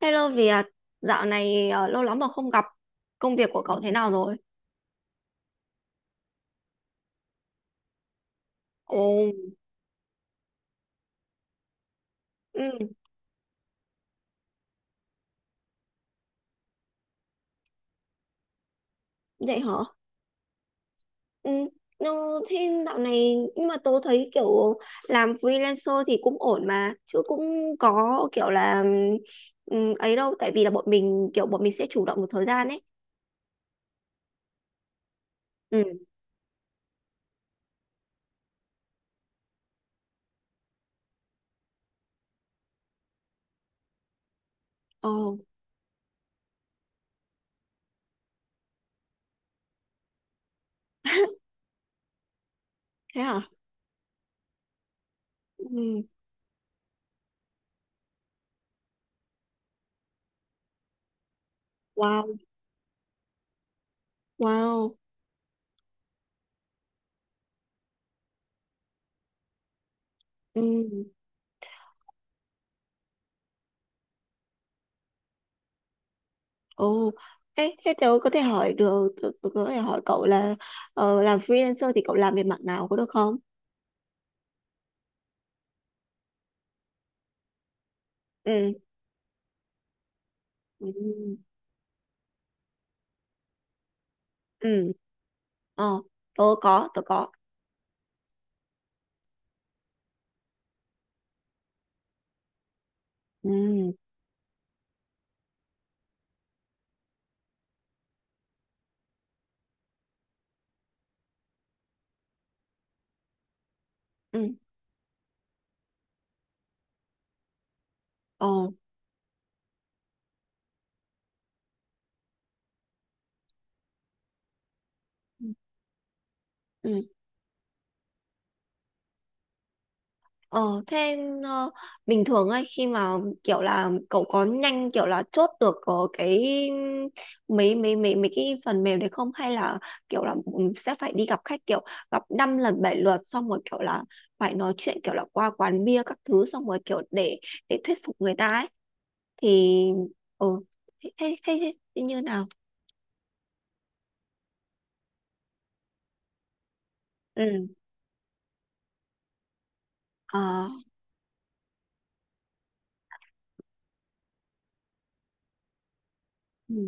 Hello Việt, dạo này lâu lắm mà không gặp. Công việc của cậu thế nào rồi? Ồ. Ừ, vậy hả? Ừ, no, thế dạo này nhưng mà tớ thấy kiểu làm freelancer thì cũng ổn mà, chứ cũng có kiểu là ấy đâu, tại vì là bọn mình kiểu bọn mình sẽ chủ động một thời gian ấy. Ừ. Ồ. Thế hả? Ừ. Wow, wow. Ừ. Ồ. thế thế tớ có thể hỏi được, tớ có thể hỏi cậu là làm freelancer thì cậu làm về mặt nào có được không? Ừ. Ừ. Ừ. Ờ, tớ có tớ có. Ừ. Ừ. Ờ. Ừ. Ờ. Thế ờ, bình thường ấy khi mà kiểu là cậu có nhanh kiểu là chốt được cái mấy mấy mấy mấy cái phần mềm đấy không hay là kiểu là sẽ phải đi gặp khách kiểu gặp năm lần bảy lượt xong rồi kiểu là phải nói chuyện kiểu là qua quán bia các thứ xong rồi kiểu để thuyết phục người ta ấy thì. Ừ. thế thế thế thế như nào? Ừ. Ờ. Ừ.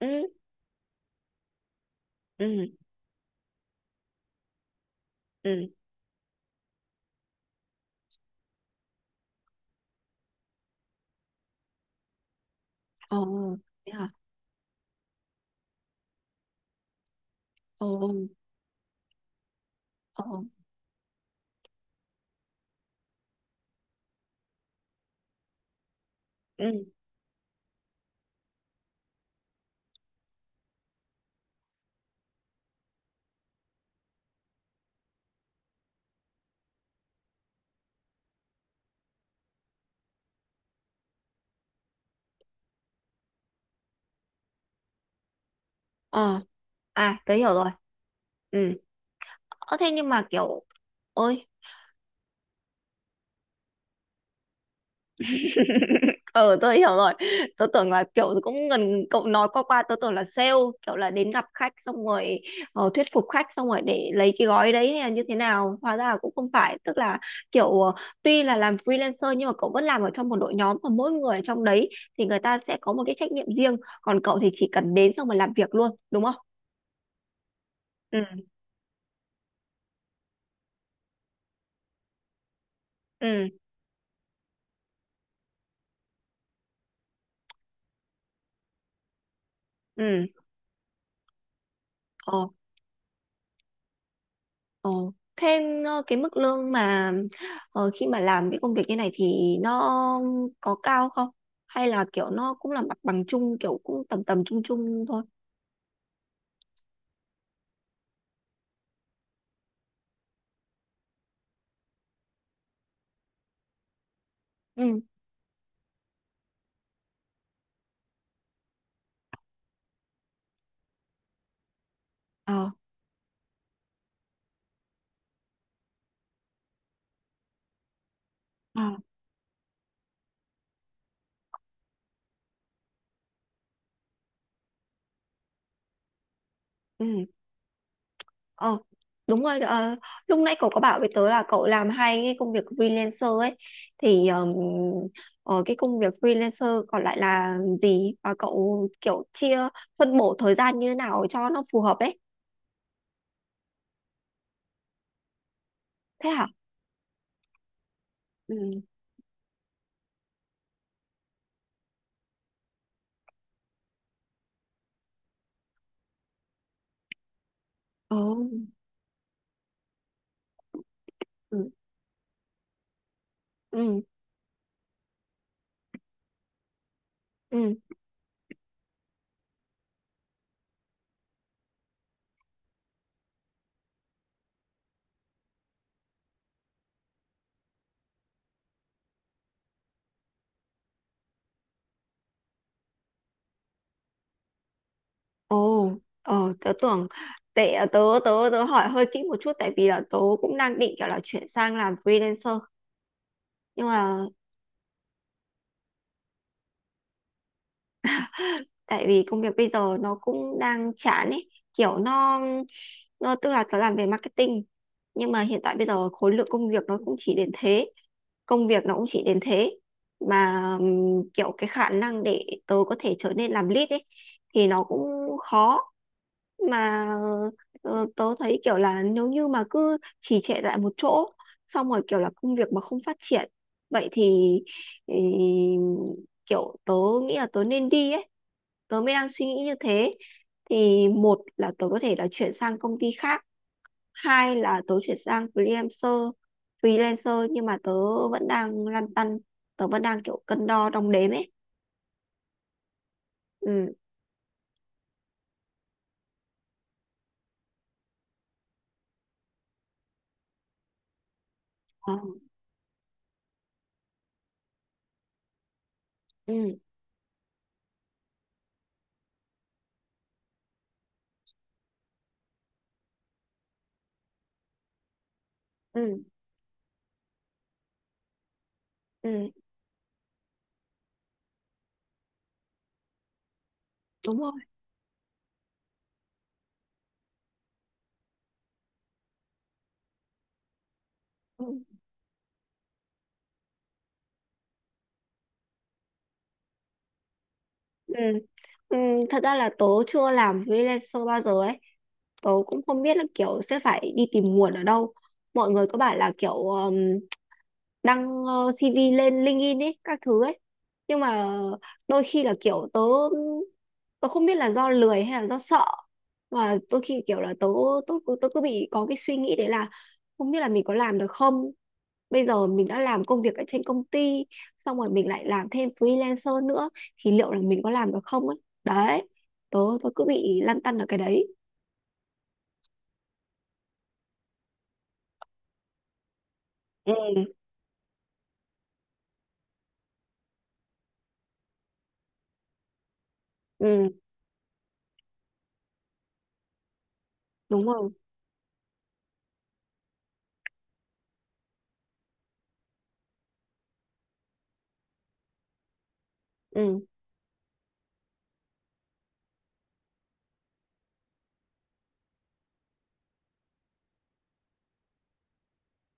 Ừ. Ừ. Ừ. Ồ, thế hả? Ồ, ồ. Ừ. Ờ. À, tớ hiểu rồi. Ừ. Ơ thế nhưng mà kiểu ôi. Ừ, tôi hiểu rồi. Tôi tưởng là kiểu cũng gần cậu nói qua qua tôi tưởng là sale kiểu là đến gặp khách xong rồi thuyết phục khách xong rồi để lấy cái gói đấy hay là như thế nào hóa ra là cũng không phải tức là kiểu tuy là làm freelancer nhưng mà cậu vẫn làm ở trong một đội nhóm và mỗi người trong đấy thì người ta sẽ có một cái trách nhiệm riêng còn cậu thì chỉ cần đến xong rồi làm việc luôn đúng không? Ừ. Ừ. Ừ. Ờ. Ờ, thêm cái mức lương mà khi mà làm cái công việc như này thì nó có cao không? Hay là kiểu nó cũng là mặt bằng chung kiểu cũng tầm tầm chung chung thôi. Ừ. Ờ. Ờ, ừ. Ờ, đúng rồi. Ờ, Lúc nãy cậu có bảo với tớ là cậu làm hai cái công việc freelancer ấy thì cái công việc freelancer còn lại là gì và cậu kiểu chia phân bổ thời gian như thế nào cho nó phù hợp ấy. Thế hả? Ừ. Ờ. Ừ. Ừ. Ừ. Ồ. Ờ, tớ tưởng tệ, tớ tớ tớ hỏi hơi kỹ một chút tại vì là tớ cũng đang định kiểu là chuyển sang làm freelancer nhưng mà tại vì công việc bây giờ nó cũng đang chán ấy kiểu nó tức là tớ làm về marketing nhưng mà hiện tại bây giờ khối lượng công việc nó cũng chỉ đến thế công việc nó cũng chỉ đến thế mà kiểu cái khả năng để tớ có thể trở nên làm lead ấy thì nó cũng khó mà tớ thấy kiểu là nếu như mà cứ trì trệ tại một chỗ xong rồi kiểu là công việc mà không phát triển vậy thì ý, kiểu tớ nghĩ là tớ nên đi ấy tớ mới đang suy nghĩ như thế thì một là tớ có thể là chuyển sang công ty khác hai là tớ chuyển sang freelancer freelancer nhưng mà tớ vẫn đang lăn tăn tớ vẫn đang kiểu cân đo đong đếm ấy. Ừ. Ờ. Ừ. Ừ. Ừ. Đúng rồi. Ừ. Ừ. Ừ, thật ra là tớ chưa làm freelancer bao giờ ấy tớ cũng không biết là kiểu sẽ phải đi tìm nguồn ở đâu mọi người có bảo là kiểu đăng CV lên LinkedIn ấy các thứ ấy nhưng mà đôi khi là kiểu tớ tớ không biết là do lười hay là do sợ mà đôi khi kiểu là tớ tớ cứ bị có cái suy nghĩ đấy là không biết là mình có làm được không bây giờ mình đã làm công việc ở trên công ty xong rồi mình lại làm thêm freelancer nữa thì liệu là mình có làm được không ấy đấy tớ tớ cứ bị lăn tăn ở cái đấy. Ừ. Ừ, đúng không? Ừ.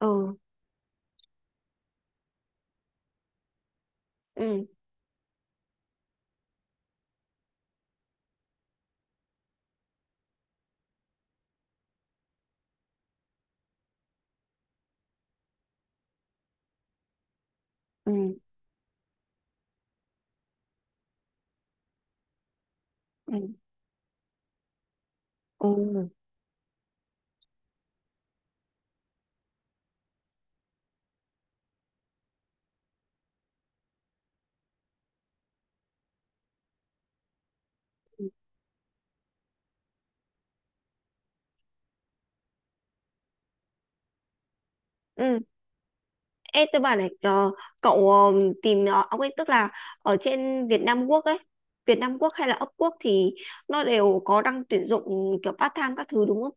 Ừ. Ừ. Ừ. Ừ. Ừ. Ừ. Ê, tôi bảo này cậu tìm ông ấy tức là ở trên Việt Nam Quốc ấy, Việt Nam Quốc hay là Upwork Quốc thì nó đều có đăng tuyển dụng kiểu part time các thứ đúng không?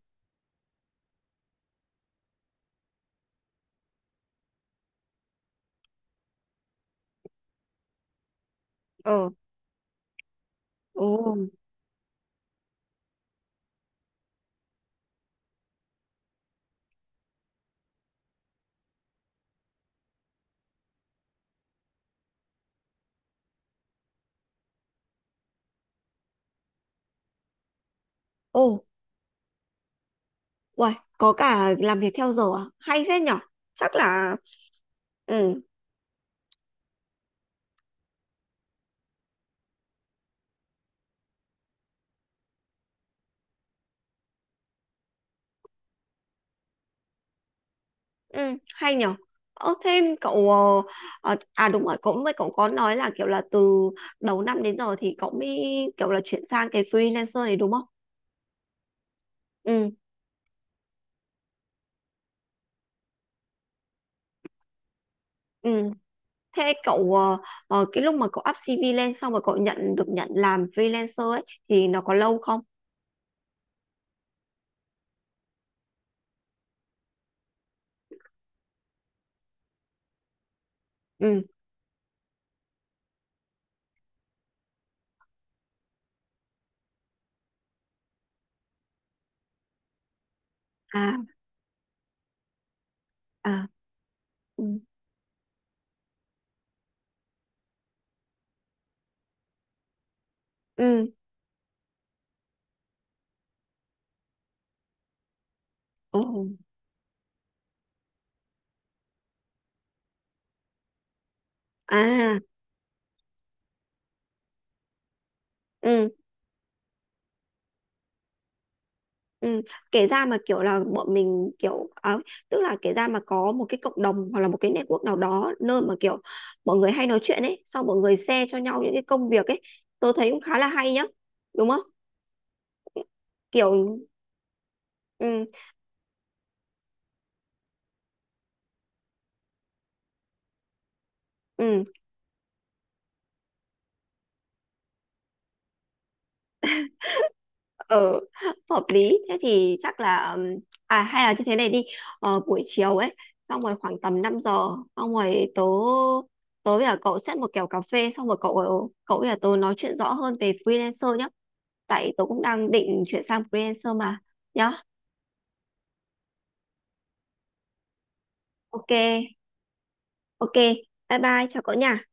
Ờ. Ồ. Ồ. Uầy, có cả làm việc theo giờ à? Hay phết nhở. Chắc là. Ừ. Ừ, hay nhở. Ơ thêm cậu à đúng rồi, cậu có nói là kiểu là từ đầu năm đến giờ thì cậu mới kiểu là chuyển sang cái freelancer này đúng không? Ừ, ừ. Thế cậu cái lúc mà cậu up CV lên xong rồi cậu nhận làm freelancer ấy thì nó có lâu không? Ừ. À. À. Ừ. Ừ. Ồ. À. Ừ. Ừ. Kể ra mà kiểu là bọn mình kiểu à, tức là kể ra mà có một cái cộng đồng hoặc là một cái network nào đó nơi mà kiểu mọi người hay nói chuyện ấy xong mọi người share cho nhau những cái công việc ấy tôi thấy cũng khá là hay nhá đúng không kiểu. Ừ. Ừ. Ờ. Hợp lý thế thì chắc là à hay là như thế này đi buổi chiều ấy xong rồi khoảng tầm 5 giờ xong rồi tớ tớ với cả cậu set một kèo cà phê xong rồi cậu cậu với cả tớ nói chuyện rõ hơn về freelancer nhá tại tôi cũng đang định chuyển sang freelancer mà nhá. Ok, ok. Bye bye, chào cậu nha.